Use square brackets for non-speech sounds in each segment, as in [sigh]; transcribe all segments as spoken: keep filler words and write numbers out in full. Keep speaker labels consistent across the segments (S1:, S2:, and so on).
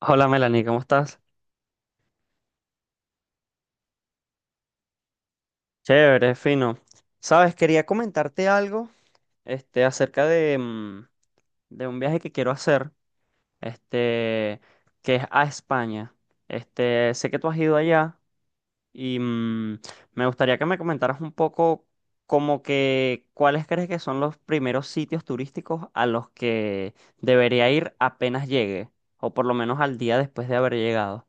S1: Hola Melanie, ¿cómo estás? Chévere, fino. Sabes, quería comentarte algo, este, acerca de, mm, de un viaje que quiero hacer, este, que es a España. Este, sé que tú has ido allá y mm, me gustaría que me comentaras un poco como que cuáles crees que son los primeros sitios turísticos a los que debería ir apenas llegue, o por lo menos al día después de haber llegado.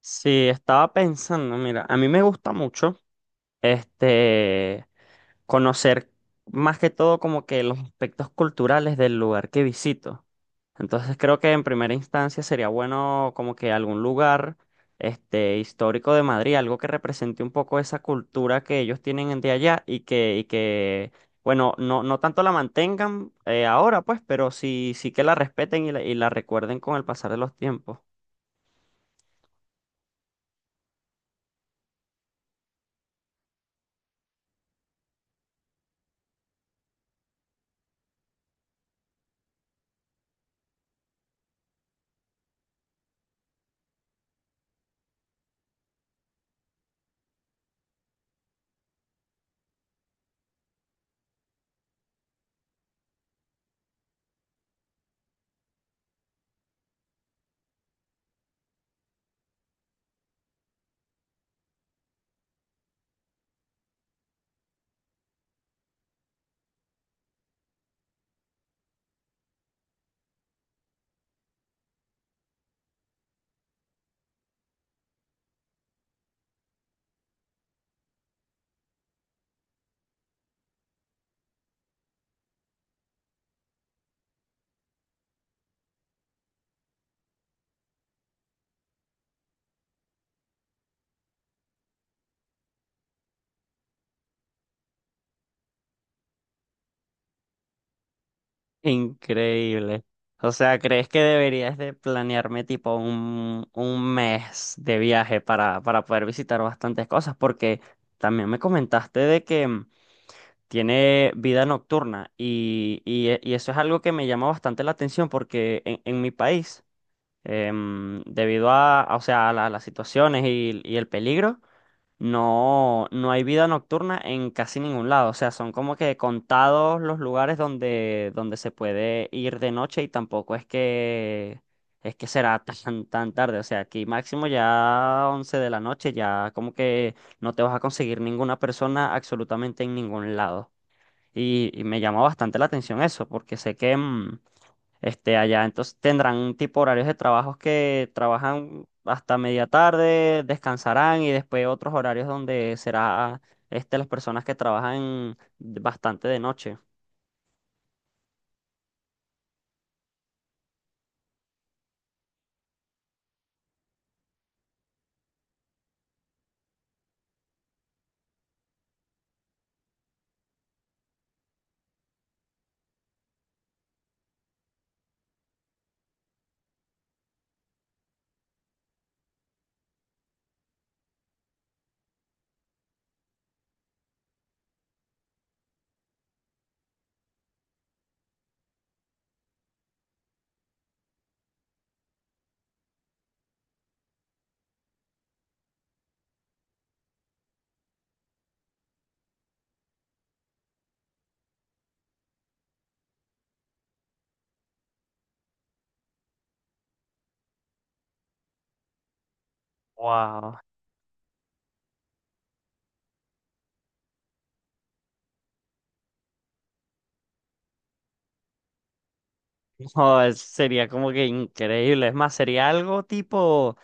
S1: Sí, estaba pensando, mira, a mí me gusta mucho, este, conocer más que todo como que los aspectos culturales del lugar que visito. Entonces creo que en primera instancia sería bueno como que algún lugar este, histórico de Madrid, algo que represente un poco esa cultura que ellos tienen en- de allá y que, y que bueno, no, no tanto la mantengan eh, ahora pues, pero sí, sí que la respeten y la, y la recuerden con el pasar de los tiempos. Increíble. O sea, ¿crees que deberías de planearme tipo un, un mes de viaje para, para poder visitar bastantes cosas? Porque también me comentaste de que mm, tiene vida nocturna y, y, e- y eso es algo que me llama bastante la atención porque en, en mi país, em, debido a, a- o sea, a la- las situaciones y, y el peligro, no, no hay vida nocturna en casi ningún lado. O sea, son como que contados los lugares donde, donde se puede ir de noche y tampoco es que es que será [laughs] tan, tan tarde. O sea, aquí máximo ya once de la noche, ya como que no te vas a conseguir ninguna persona absolutamente en ningún lado. Y, y me llamó bastante la atención eso, porque sé que mm, este, allá. Entonces tendrán tipo horarios de trabajos que trabajan hasta media tarde, descansarán y después otros horarios donde será este, las personas que trabajan bastante de noche. Wow, [laughs] no, es- sería como que increíble. Es más, sería algo tipo,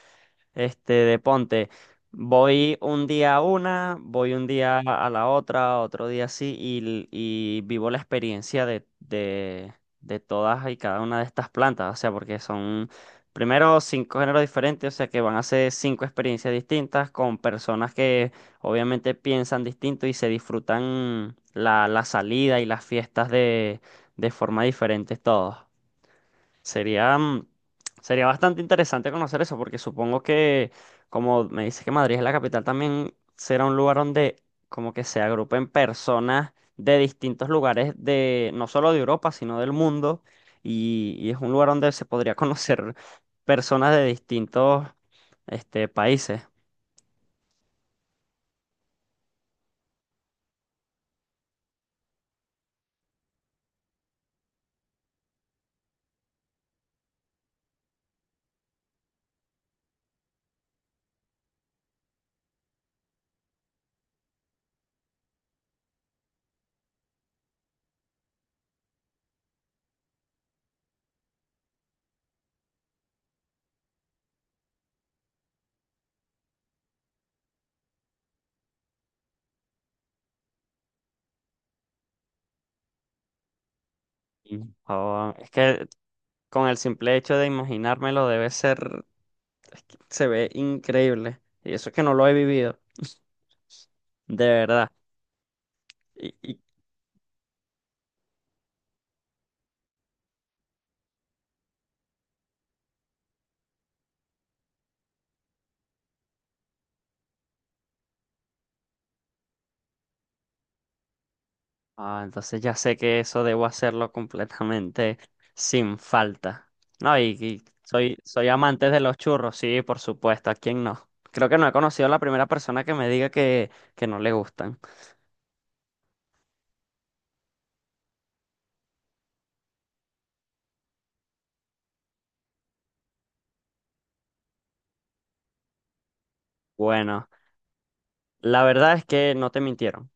S1: Este, de ponte, voy un día a una, voy un día a la otra, otro día así, y, l- y vivo la experiencia de, de, de todas y cada una de estas plantas, o sea, porque son primero cinco géneros diferentes, o sea, que van a ser cinco experiencias distintas con personas que obviamente piensan distinto y se disfrutan la, la salida y las fiestas de, de forma diferente todos. Sería, mm, sería bastante interesante conocer eso, porque supongo que, como me dices que Madrid es la capital, también será un lugar donde como que se agrupen personas de distintos lugares de, no solo de Europa, sino del mundo, y, y es un lugar donde se podría [laughs] conocer personas de distintos este, países. Y, oh, es que con el simple hecho de imaginármelo debe ser, se ve increíble, y eso es que no lo he vivido. [laughs] De verdad. Y, y Ah, entonces ya sé que eso debo hacerlo completamente sin falta. No, y, y soy, soy amante de los churros, sí, por supuesto, ¿a quién no? Creo que no he conocido a la primera persona que me diga que, que no le gustan. Bueno, la verdad es que no te mintieron.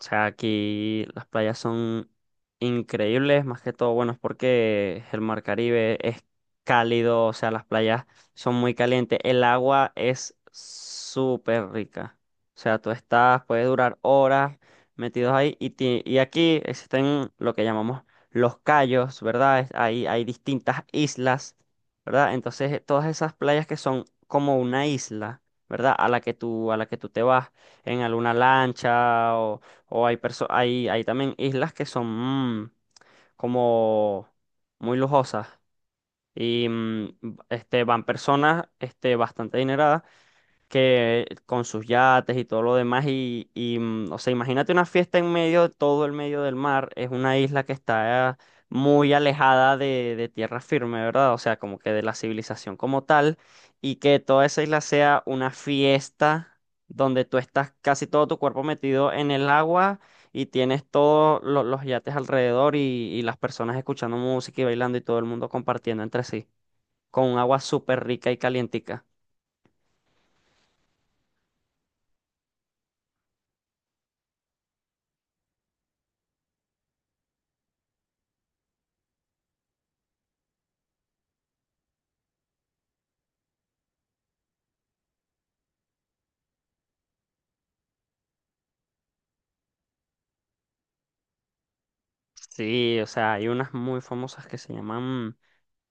S1: O sea, aquí las playas son increíbles, más que todo, bueno, es porque el mar Caribe es cálido, o sea, las playas son muy calientes, el agua es súper rica. O sea, tú estás, puedes durar horas metidos ahí y, ti- y aquí existen lo que llamamos los cayos, ¿verdad? Es- Hay, hay distintas islas, ¿verdad? Entonces, eh, todas esas playas que son como una isla, ¿verdad? A la que tú, a la que tú te vas en alguna lancha o hay, perso- hay, hay también islas que son mm, como muy lujosas y mm, este, van personas este, bastante adineradas que con sus yates y todo lo demás y, y, mm, o sea, imagínate una fiesta en medio de todo el medio del mar, es una isla que está muy alejada de, de tierra firme, ¿verdad? O sea, como que de la civilización como tal y que toda esa isla sea una fiesta donde tú estás casi todo tu cuerpo metido en el agua y tienes todos lo- los yates alrededor y, y las personas escuchando música y bailando y todo el mundo compartiendo entre sí, con un agua súper rica y calientica. Sí, o sea, hay unas muy famosas que se llaman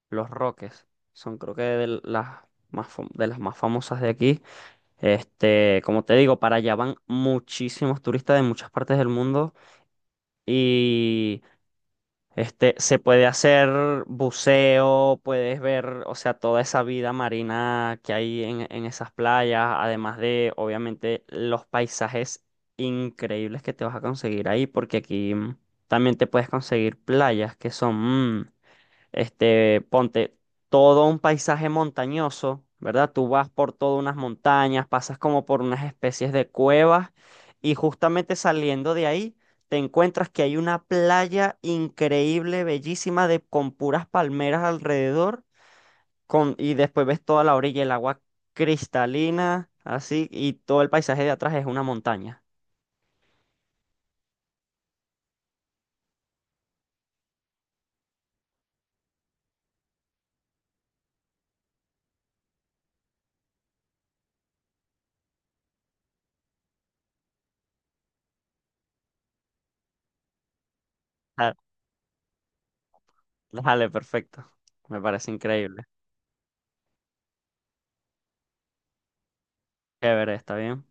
S1: Los Roques. Son creo que de las más fam- de las más famosas de aquí. Este, como te digo, para allá van muchísimos turistas de muchas partes del mundo y este, se puede hacer buceo, puedes ver, o sea, toda esa vida marina que hay en, en esas playas, además de, obviamente, los paisajes increíbles que te vas a conseguir ahí, porque aquí mm, también te puedes conseguir playas que son, mm, este, ponte todo un paisaje montañoso, ¿verdad? Tú vas por todas unas montañas, pasas como por unas especies de cuevas y justamente saliendo de ahí te encuentras que hay una playa increíble, bellísima, de, con puras palmeras alrededor con, y después ves toda la orilla, el agua cristalina, así, y todo el paisaje de atrás es una montaña. Ah, dale, perfecto. Me parece increíble. Chévere, está bien.